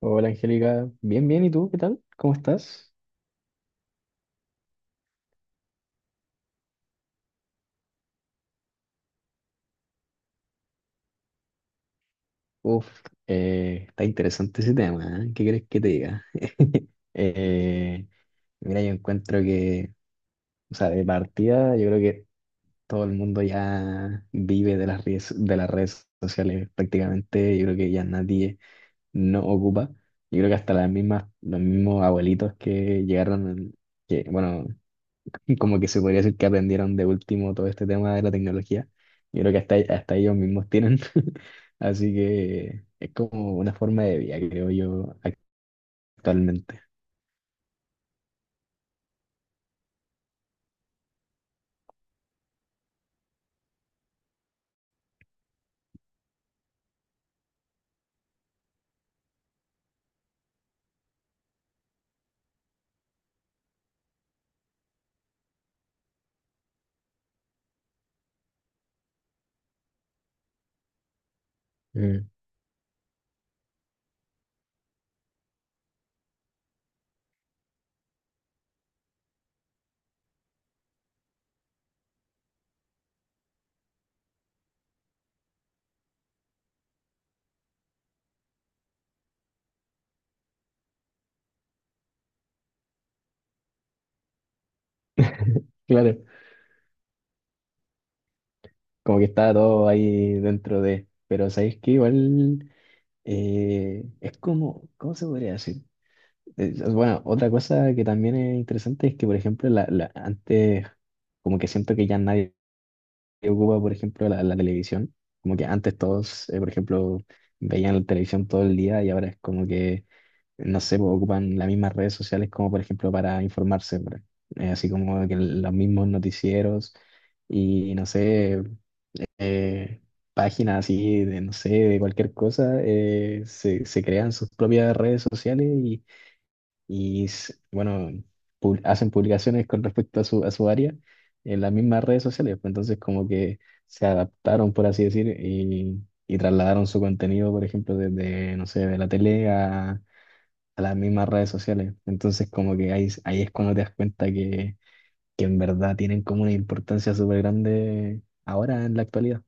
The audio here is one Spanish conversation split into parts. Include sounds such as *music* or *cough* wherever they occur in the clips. Hola Angélica, bien, bien, ¿y tú qué tal? ¿Cómo estás? Uf, está interesante ese tema, ¿eh? ¿Qué crees que te diga? Eh, mira, yo encuentro que, o sea, de partida, yo creo que todo el mundo ya vive de las redes sociales prácticamente, yo creo que ya nadie no ocupa, yo creo que hasta las mismas, los mismos abuelitos que llegaron, que, bueno, *laughs* y como que se podría decir que aprendieron de último todo este tema de la tecnología. Yo creo que hasta ellos mismos tienen. *laughs* Así que es como una forma de vida, creo yo, actualmente. Mm. *laughs* Claro, como que está todo ahí dentro de, pero sabéis que igual es como, ¿cómo se podría decir? Bueno, otra cosa que también es interesante es que, por ejemplo, antes como que siento que ya nadie que ocupa, por ejemplo, la televisión. Como que antes todos, por ejemplo, veían la televisión todo el día y ahora es como que, no sé, pues, ocupan las mismas redes sociales como, por ejemplo, para informarse, así como que los mismos noticieros y, no sé, eh, páginas así de, no sé, de cualquier cosa, se crean sus propias redes sociales y bueno, hacen publicaciones con respecto a a su área en las mismas redes sociales. Pues, entonces como que se adaptaron, por así decir, y trasladaron su contenido, por ejemplo, desde, no sé, de la tele a las mismas redes sociales. Entonces como que ahí, ahí es cuando te das cuenta que en verdad tienen como una importancia súper grande ahora en la actualidad.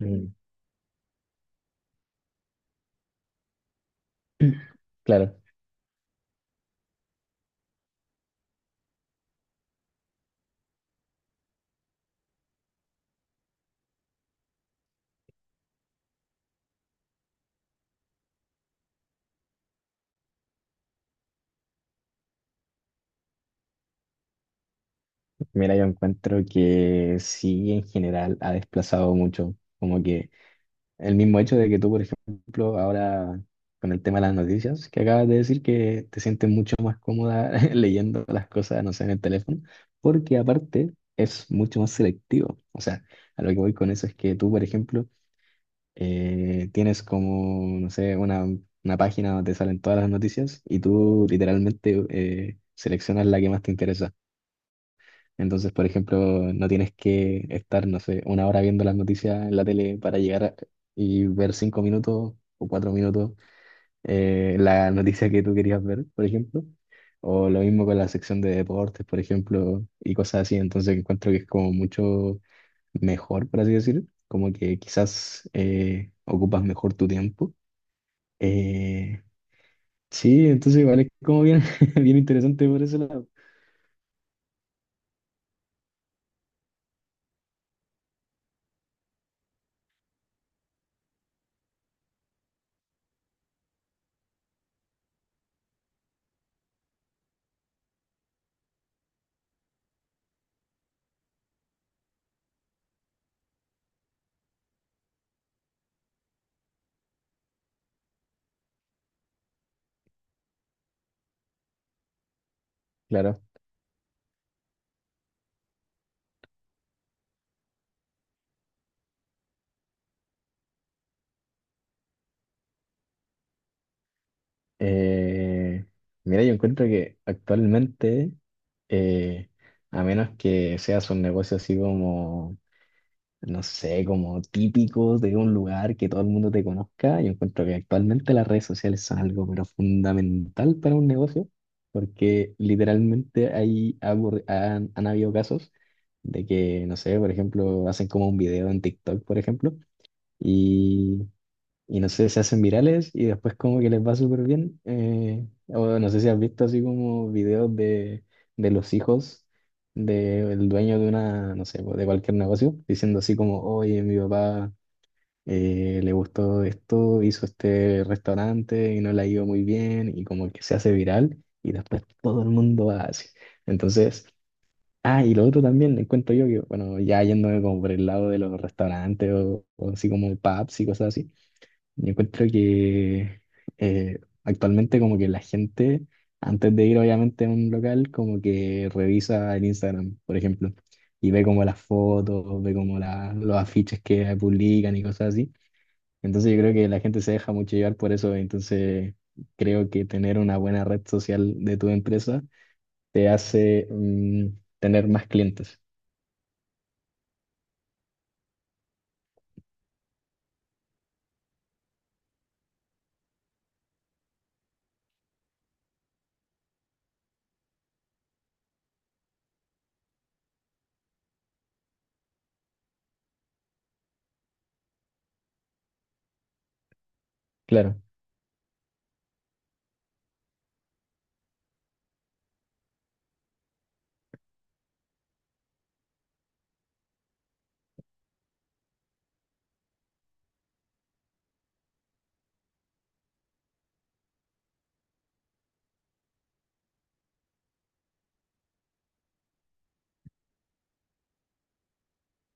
Mm. *clears throat* Claro, mira, yo encuentro que sí, en general ha desplazado mucho, como que el mismo hecho de que tú, por ejemplo, ahora con el tema de las noticias, que acabas de decir que te sientes mucho más cómoda *laughs* leyendo las cosas, no sé, en el teléfono, porque aparte es mucho más selectivo. O sea, a lo que voy con eso es que tú, por ejemplo, tienes como, no sé, una página donde te salen todas las noticias y tú literalmente seleccionas la que más te interesa. Entonces, por ejemplo, no tienes que estar, no sé, una hora viendo las noticias en la tele para y ver cinco minutos o cuatro minutos la noticia que tú querías ver, por ejemplo. O lo mismo con la sección de deportes, por ejemplo, y cosas así. Entonces, encuentro que es como mucho mejor, por así decir. Como que quizás ocupas mejor tu tiempo. Eh, sí, entonces igual es como bien, *laughs* bien interesante por ese lado. Claro. Eh, Mira, yo encuentro que actualmente, eh, a menos que seas un negocio así como, no sé, como típico de un lugar que todo el mundo te conozca, yo encuentro que actualmente las redes sociales son algo pero fundamental para un negocio, porque literalmente hay, ha ocurri- han, han habido casos de que, no sé, por ejemplo, hacen como un video en TikTok, por ejemplo y no sé, se hacen virales y después como que les va súper bien. Eh, o no sé si has visto así como videos de los hijos del dueño de una, no sé, pues, de cualquier negocio, diciendo así como, oye, mi papá le gustó esto, hizo este restaurante y no le ha ido muy bien y como que se hace viral y después todo el mundo va así. Entonces... Ah, y lo otro también, encuentro yo que, bueno, ya yéndome como por el lado de los restaurantes o así como pubs y cosas así, yo encuentro que actualmente como que la gente, antes de ir obviamente a un local, como que revisa el Instagram, por ejemplo, y ve como las fotos, ve como los afiches que publican y cosas así. Entonces yo creo que la gente se deja mucho llevar por eso, entonces creo que tener una buena red social de tu empresa te hace mm, tener más clientes. Claro,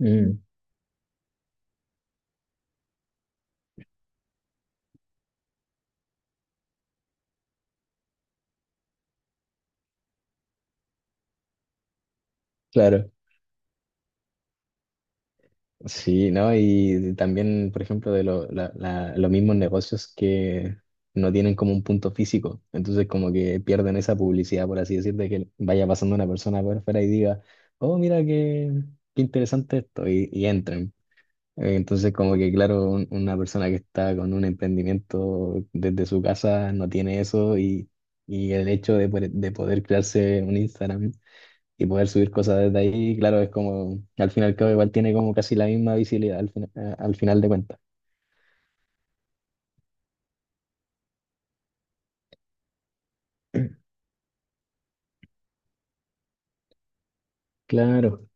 mm, claro. Sí, ¿no? Y también, por ejemplo, de los mismos negocios que no tienen como un punto físico. Entonces, como que pierden esa publicidad, por así decir, de que vaya pasando una persona por fuera y diga, oh, mira qué, qué interesante esto, y entren. Entonces, como que, claro, una persona que está con un emprendimiento desde su casa no tiene eso y el hecho de, de poder crearse un Instagram y poder subir cosas desde ahí, claro, es como, al fin y al cabo igual tiene como casi la misma visibilidad al final de cuentas. Claro,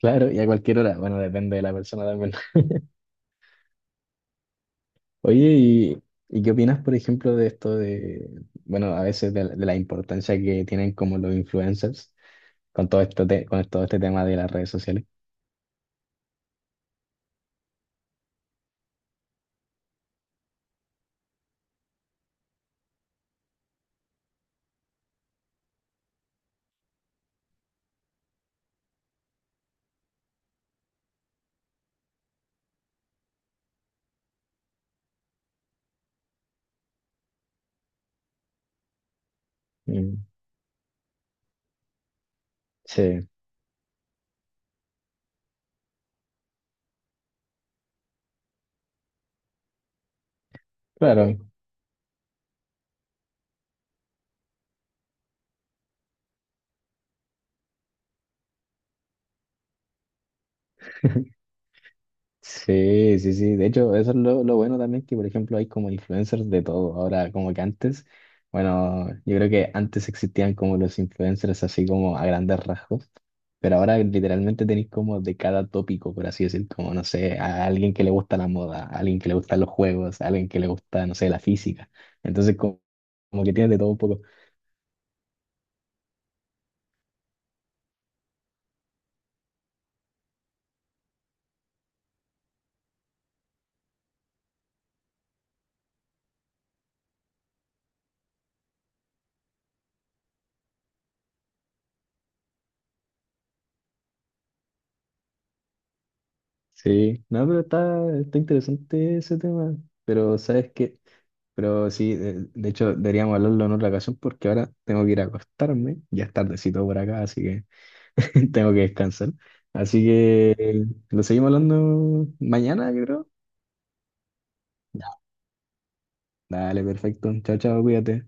claro, y a cualquier hora, bueno, depende de la persona también. *laughs* Oye, ¿y qué opinas, por ejemplo, de esto de, bueno, a veces de la importancia que tienen como los influencers con todo esto con todo este tema de las redes sociales? Mm, sí, claro. Sí, sí, sí. De hecho, eso es lo bueno también, que por ejemplo hay como influencers de todo. Ahora, como que antes, bueno, yo creo que antes existían como los influencers así como a grandes rasgos, pero ahora literalmente tenéis como de cada tópico, por así decir, como, no sé, a alguien que le gusta la moda, a alguien que le gustan los juegos, a alguien que le gusta, no sé, la física. Entonces, como que tienes de todo un poco. Sí, no, pero está, está interesante ese tema. Pero, ¿sabes qué? Pero sí, de hecho deberíamos hablarlo en otra ocasión porque ahora tengo que ir a acostarme, ya es tardecito por acá, así que *laughs* tengo que descansar. Así que lo seguimos hablando mañana, yo creo. Ya, dale, perfecto. Chao, chao, cuídate.